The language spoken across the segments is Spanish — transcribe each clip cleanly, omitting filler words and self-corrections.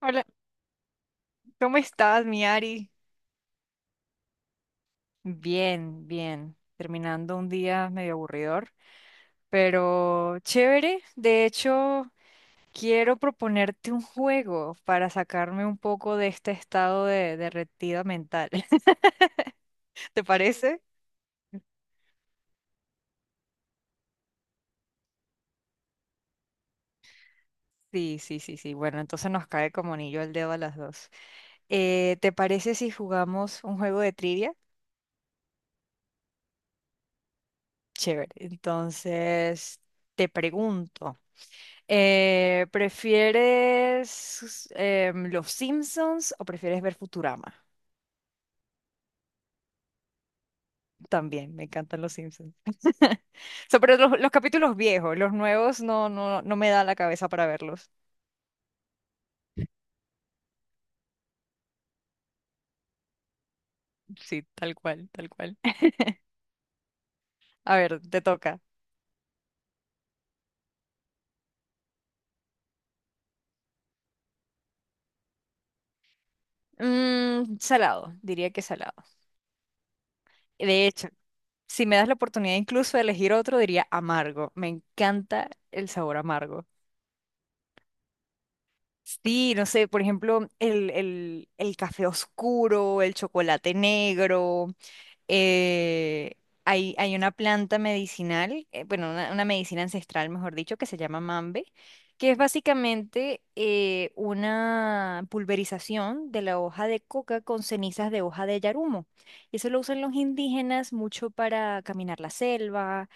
Hola, ¿cómo estás, mi Ari? Bien, bien. Terminando un día medio aburridor, pero chévere. De hecho, quiero proponerte un juego para sacarme un poco de este estado de derretida mental. ¿Te parece? Sí, sí, sí, sí. Bueno, entonces nos cae como anillo al dedo a las dos. ¿Te parece si jugamos un juego de trivia? Chévere. Entonces, te pregunto. ¿Prefieres Los Simpsons o prefieres ver Futurama? También, me encantan Los Simpsons. So, pero los capítulos viejos, los nuevos no, no, no me da la cabeza para verlos. Sí, tal cual, tal cual. A ver, te toca. Salado, diría que salado. De hecho, si me das la oportunidad incluso de elegir otro, diría amargo. Me encanta el sabor amargo. Sí, no sé, por ejemplo, el café oscuro, el chocolate negro, eh, hay una planta medicinal, bueno, una medicina ancestral, mejor dicho, que se llama mambe, que es básicamente una pulverización de la hoja de coca con cenizas de hoja de yarumo. Y eso lo usan los indígenas mucho para caminar la selva,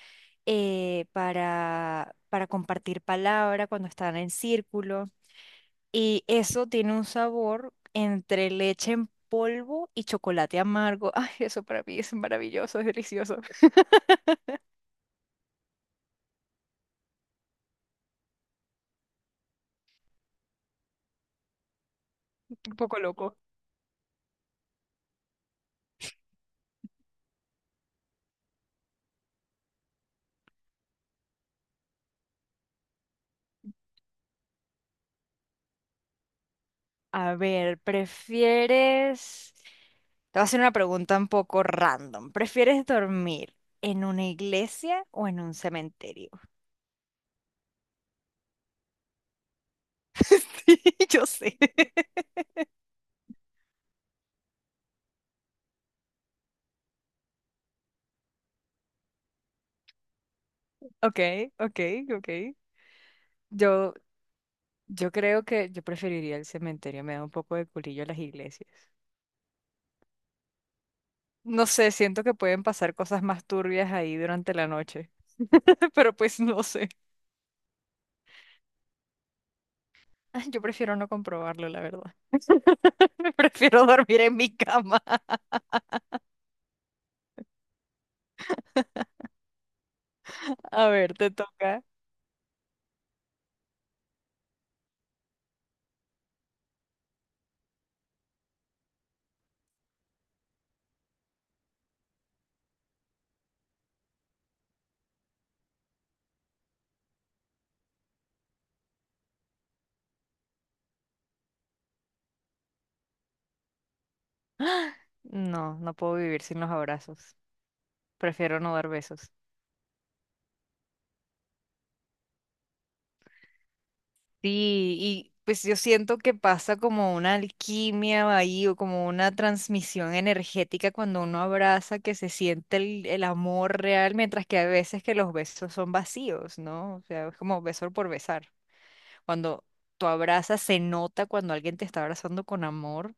para compartir palabra cuando están en círculo. Y eso tiene un sabor entre leche en polvo y chocolate amargo. Ay, eso para mí es maravilloso, es delicioso, un poco loco. A ver, Te voy a hacer una pregunta un poco random. ¿Prefieres dormir en una iglesia o en un cementerio? Yo sé. Ok, ok, ok. Yo, yo creo que yo preferiría el cementerio, me da un poco de culillo las iglesias. No sé, siento que pueden pasar cosas más turbias ahí durante la noche, pero pues no sé. Yo prefiero no comprobarlo, la verdad. Prefiero dormir en mi cama. A ver, te toca. No, no puedo vivir sin los abrazos. Prefiero no dar besos. Sí, y pues yo siento que pasa como una alquimia ahí o como una transmisión energética cuando uno abraza, que se siente el amor real, mientras que a veces que los besos son vacíos, ¿no? O sea, es como beso por besar. Cuando tú abrazas, se nota cuando alguien te está abrazando con amor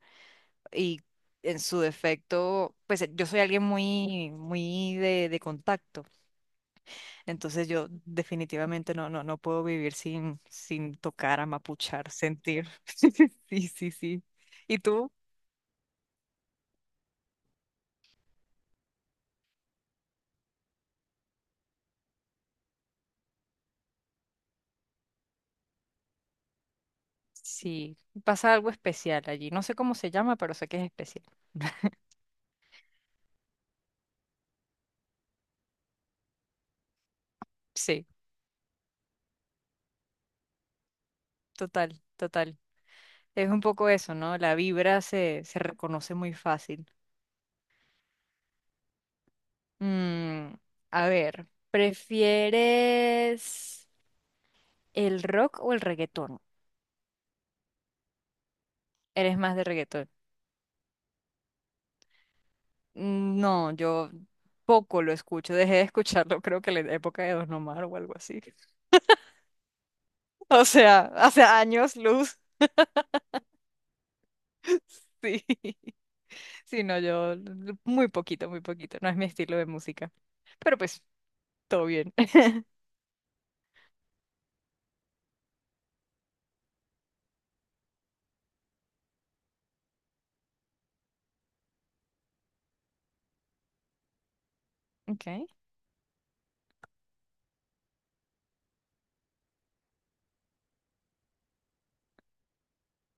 y en su defecto, pues yo soy alguien muy, muy de contacto, entonces yo definitivamente no, no, no puedo vivir sin tocar, amapuchar, sentir. Sí, sí, sí. ¿Y tú? Sí, pasa algo especial allí. No sé cómo se llama, pero sé que es especial. Sí, total, total. Es un poco eso, ¿no? La vibra se reconoce muy fácil. Mm, a ver, ¿prefieres el rock o el reggaetón? ¿Eres más de reggaetón? No, yo poco lo escucho. Dejé de escucharlo, creo que en la época de Don Omar o algo así. O sea, hace años luz, sí. Sí, no, muy poquito, muy poquito. No es mi estilo de música. Pero pues, todo bien. Ok.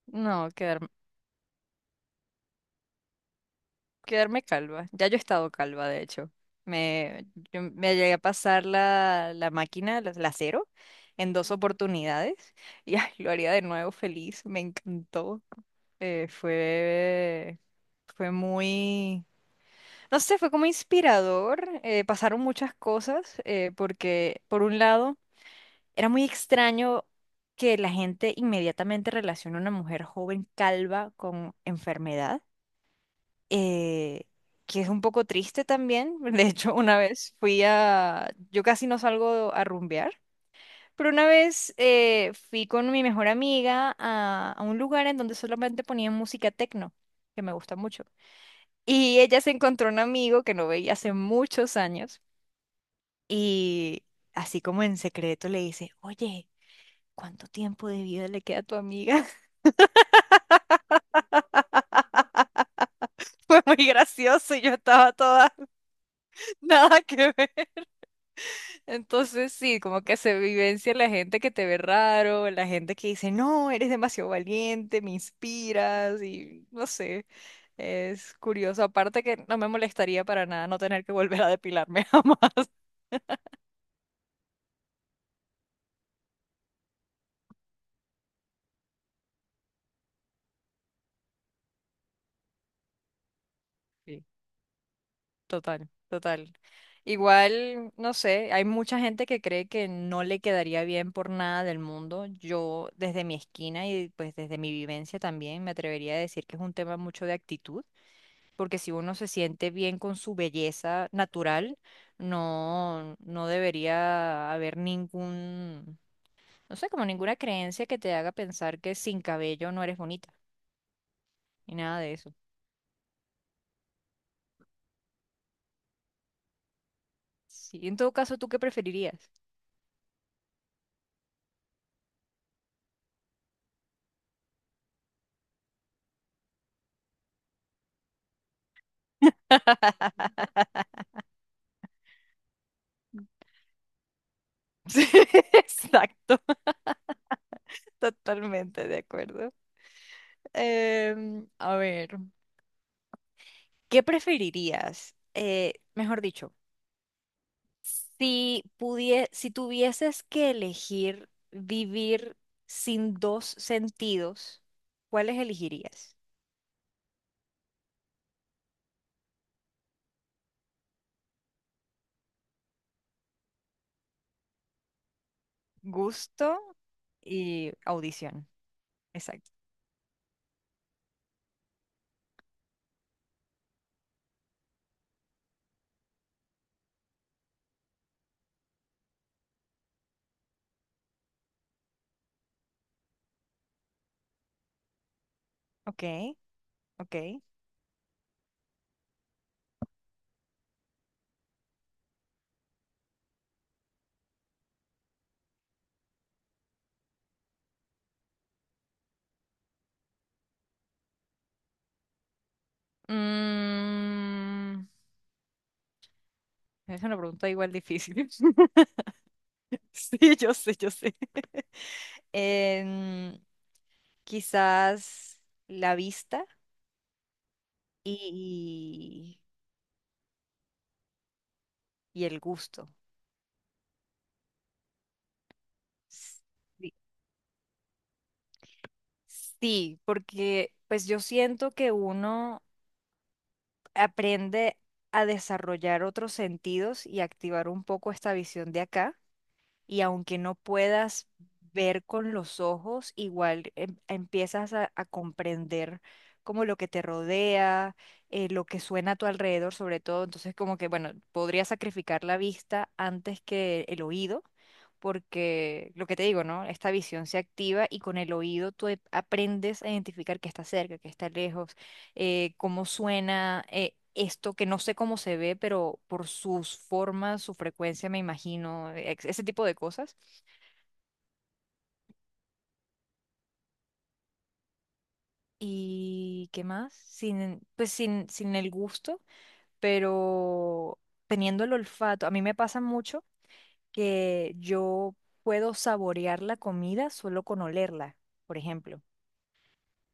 No, quedarme. Quedarme calva. Ya yo he estado calva, de hecho. Me, yo me llegué a pasar la máquina, la cero, en dos oportunidades. Y ay, lo haría de nuevo feliz. Me encantó. Eh, fue, fue muy, no sé, fue como inspirador. Pasaron muchas cosas porque, por un lado, era muy extraño que la gente inmediatamente relacione a una mujer joven calva con enfermedad eh, que es un poco triste también. De hecho, una vez fui a, yo casi no salgo a rumbear, pero una vez fui con mi mejor amiga a, un lugar en donde solamente ponían música techno, que me gusta mucho. Y ella se encontró un amigo que no veía hace muchos años y así como en secreto le dice, oye. ¿Cuánto tiempo de vida le queda a tu amiga? Fue muy gracioso y yo estaba toda, nada que ver. Entonces sí, como que se vivencia la gente que te ve raro, la gente que dice, no, eres demasiado valiente, me inspiras y no sé, es curioso. Aparte que no me molestaría para nada no tener que volver a depilarme jamás. Sí, total, total. Igual, no sé, hay mucha gente que cree que no le quedaría bien por nada del mundo. Yo desde mi esquina y pues desde mi vivencia también me atrevería a decir que es un tema mucho de actitud porque si uno se siente bien con su belleza natural, no, no debería haber ningún, no sé, como ninguna creencia que te haga pensar que sin cabello no eres bonita, ni nada de eso. Sí, en todo caso, ¿tú qué preferirías? Sí, Exacto, totalmente de acuerdo. A ver, ¿qué preferirías? Mejor dicho, si tuvieses que elegir vivir sin dos sentidos, ¿cuáles elegirías? Gusto y audición. Exacto. Ok, ok. Mm, es una pregunta igual difícil. Sí, yo sé, yo sé. Em, Quizás la vista y, y el gusto. Sí, porque pues yo siento que uno aprende a desarrollar otros sentidos y activar un poco esta visión de acá y aunque no puedas ver con los ojos, igual empiezas a, comprender como lo que te rodea, lo que suena a tu alrededor, sobre todo. Entonces, como que, bueno, podría sacrificar la vista antes que el oído, porque lo que te digo, ¿no? Esta visión se activa y con el oído aprendes a identificar que está cerca, que está lejos cómo suena esto, que no sé cómo se ve, pero por sus formas, su frecuencia, me imagino, ese tipo de cosas. ¿Y qué más? Sin, pues sin el gusto, pero teniendo el olfato. A mí me pasa mucho que yo puedo saborear la comida solo con olerla, por ejemplo.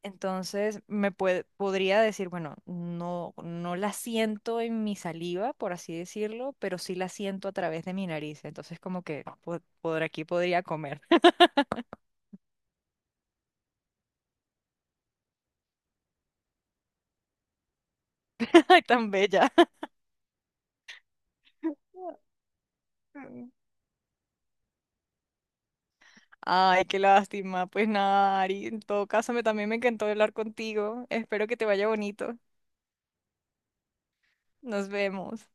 Entonces podría decir, bueno, no, no la siento en mi saliva, por así decirlo, pero sí la siento a través de mi nariz. Entonces como que por aquí podría comer. Ay, tan bella. Ay, qué lástima. Pues nada, Ari, en todo caso también me encantó hablar contigo. Espero que te vaya bonito. Nos vemos.